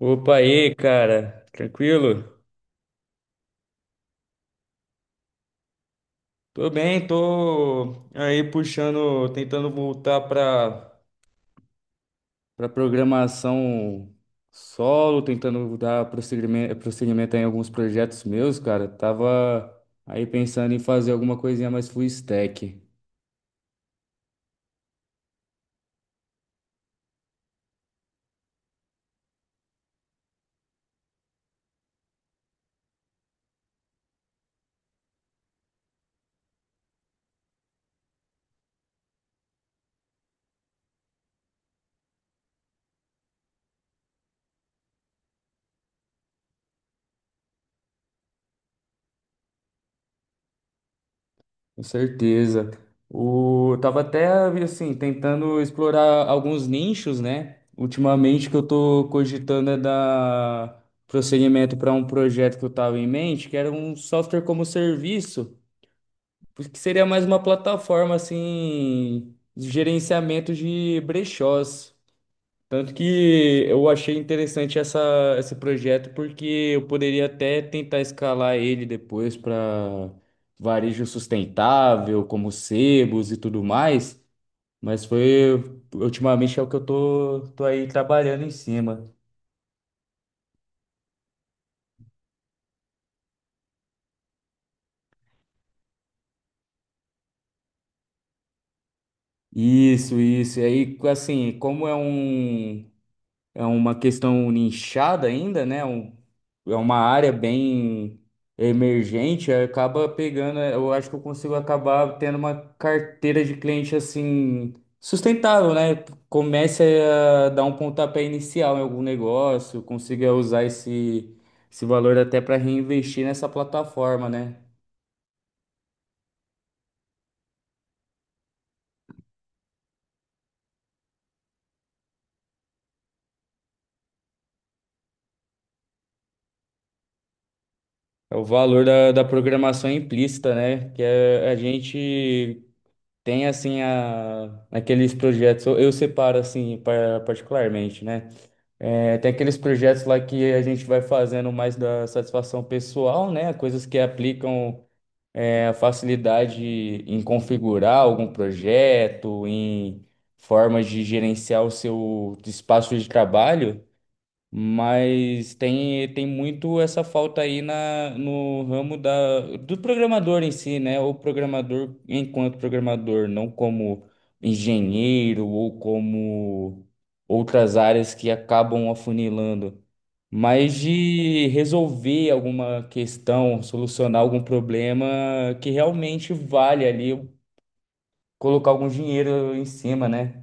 Opa aí, cara. Tranquilo? Tô bem, tô aí puxando, tentando voltar para programação solo, tentando dar prosseguimento em alguns projetos meus, cara. Tava aí pensando em fazer alguma coisinha mais full stack. Com certeza. O, eu tava até assim tentando explorar alguns nichos, né? Ultimamente que eu tô cogitando é dar prosseguimento para um projeto que eu tava em mente, que era um software como serviço, que seria mais uma plataforma assim de gerenciamento de brechós. Tanto que eu achei interessante esse projeto porque eu poderia até tentar escalar ele depois para varejo sustentável, como sebos e tudo mais, mas foi ultimamente é o que eu tô aí trabalhando em cima. Isso, isso. E aí, assim, é uma questão nichada ainda, né? É uma área bem emergente, aí acaba pegando, eu acho que eu consigo acabar tendo uma carteira de cliente assim sustentável, né? Comece a dar um pontapé inicial em algum negócio, consiga usar esse valor até para reinvestir nessa plataforma, né? É o valor da programação implícita, né? Que é a gente. Tem assim aqueles projetos, eu separo assim particularmente, né? É, tem aqueles projetos lá que a gente vai fazendo mais da satisfação pessoal, né? Coisas que aplicam a facilidade em configurar algum projeto, em formas de gerenciar o seu espaço de trabalho. Mas tem muito essa falta aí no ramo do programador em si, né? O programador enquanto programador, não como engenheiro ou como outras áreas que acabam afunilando, mas de resolver alguma questão, solucionar algum problema que realmente vale ali colocar algum dinheiro em cima, né?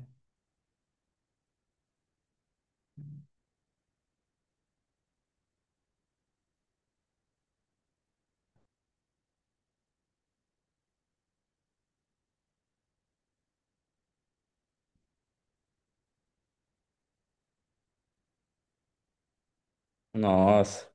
Nossa.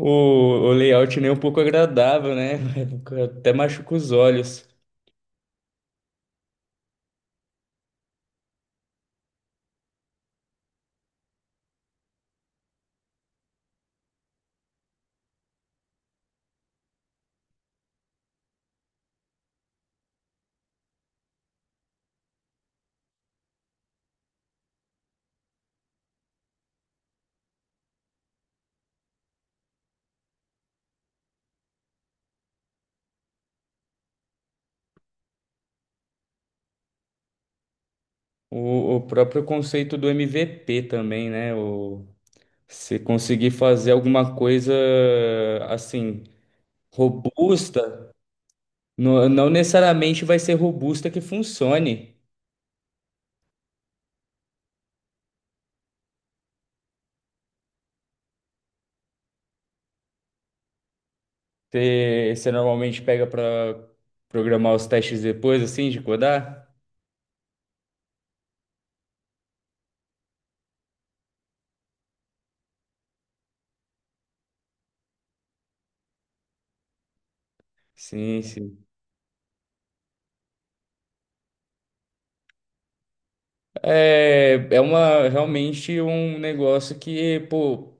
O, o layout nem um pouco agradável, né? Até machuca os olhos. O próprio conceito do MVP também, né? O, você conseguir fazer alguma coisa assim, robusta, não necessariamente vai ser robusta que funcione. Você normalmente pega para programar os testes depois, assim, de codar? Sim, sim. É, é uma realmente um negócio que, pô,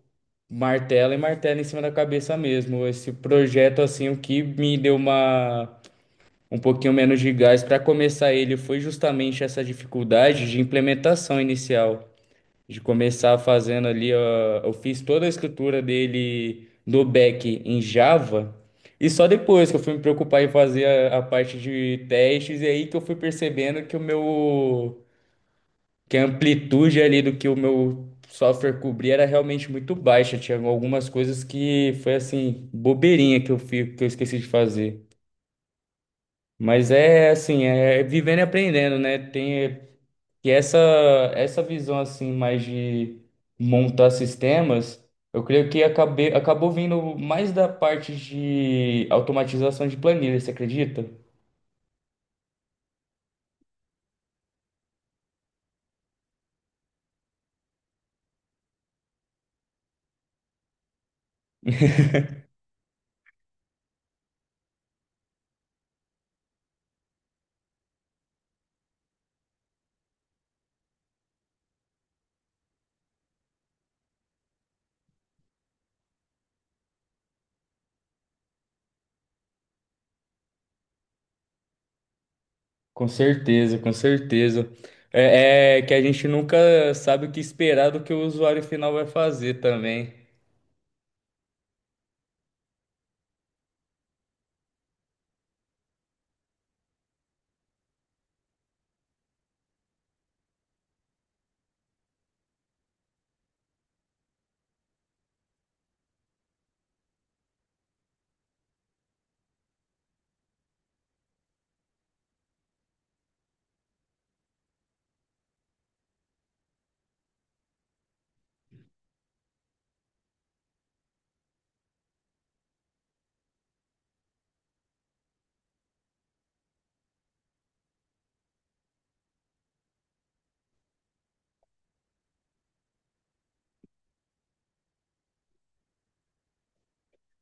martela e martela em cima da cabeça mesmo. Esse projeto, assim, o que me deu uma um pouquinho menos de gás para começar ele foi justamente essa dificuldade de implementação inicial, de começar fazendo ali, ó, eu fiz toda a escritura dele do back em Java. E só depois que eu fui me preocupar em fazer a parte de testes, e aí que eu fui percebendo que o meu que a amplitude ali do que o meu software cobria era realmente muito baixa. Tinha algumas coisas que foi assim, bobeirinha que eu fico, que eu esqueci de fazer. Mas é assim, é vivendo e aprendendo, né? Tem e essa visão assim mais de montar sistemas, eu creio que acabou vindo mais da parte de automatização de planilha, você acredita? Com certeza, com certeza. É, é que a gente nunca sabe o que esperar do que o usuário final vai fazer também.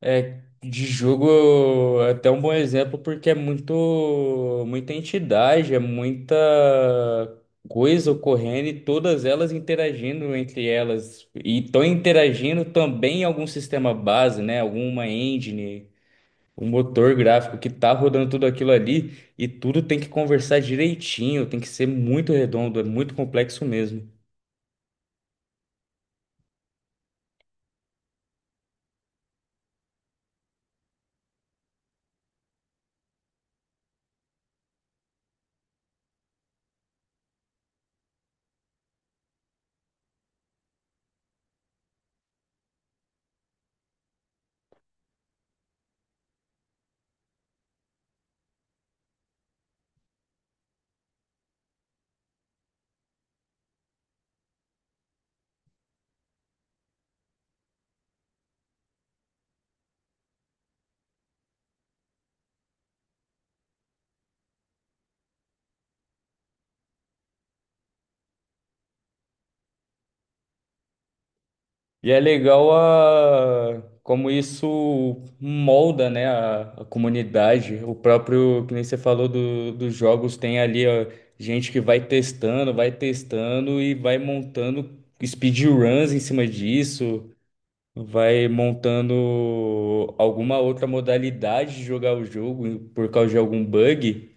É, de jogo é até um bom exemplo porque é muita entidade, é muita coisa ocorrendo e todas elas interagindo entre elas. E estão interagindo também em algum sistema base, né? Alguma engine. O motor gráfico que tá rodando tudo aquilo ali e tudo tem que conversar direitinho, tem que ser muito redondo, é muito complexo mesmo. E é legal a como isso molda, né, a comunidade. O próprio, que nem você falou dos jogos, tem ali ó, gente que vai testando e vai montando speedruns em cima disso. Vai montando alguma outra modalidade de jogar o jogo por causa de algum bug.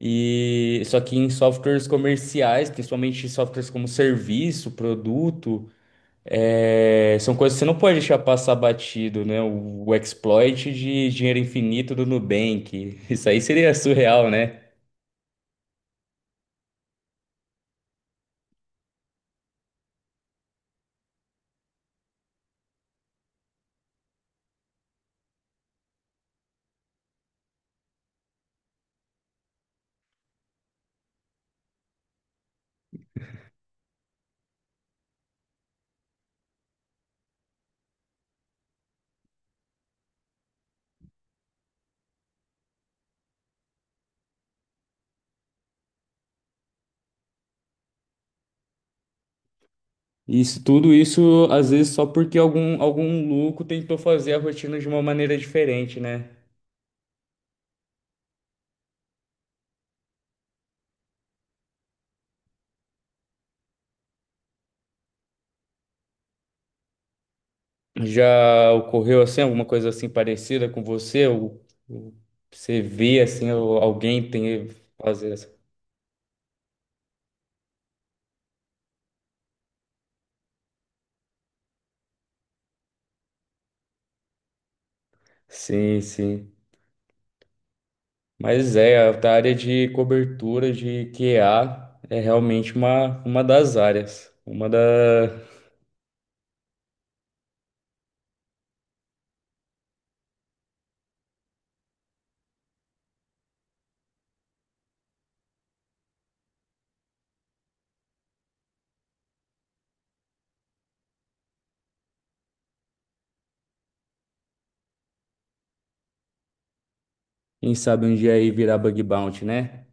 E só que em softwares comerciais, principalmente softwares como serviço, produto, é, são coisas que você não pode deixar passar batido, né? O exploit de dinheiro infinito do Nubank. Isso aí seria surreal, né? Isso, tudo isso, às vezes, só porque algum louco tentou fazer a rotina de uma maneira diferente, né? Já ocorreu assim, alguma coisa assim parecida com você? Ou você vê assim, ou alguém tem fazer assim? Sim, sim. Mas é, a área de cobertura de QA é realmente uma das áreas. Uma da. Quem sabe um dia aí virar bug bounty, né?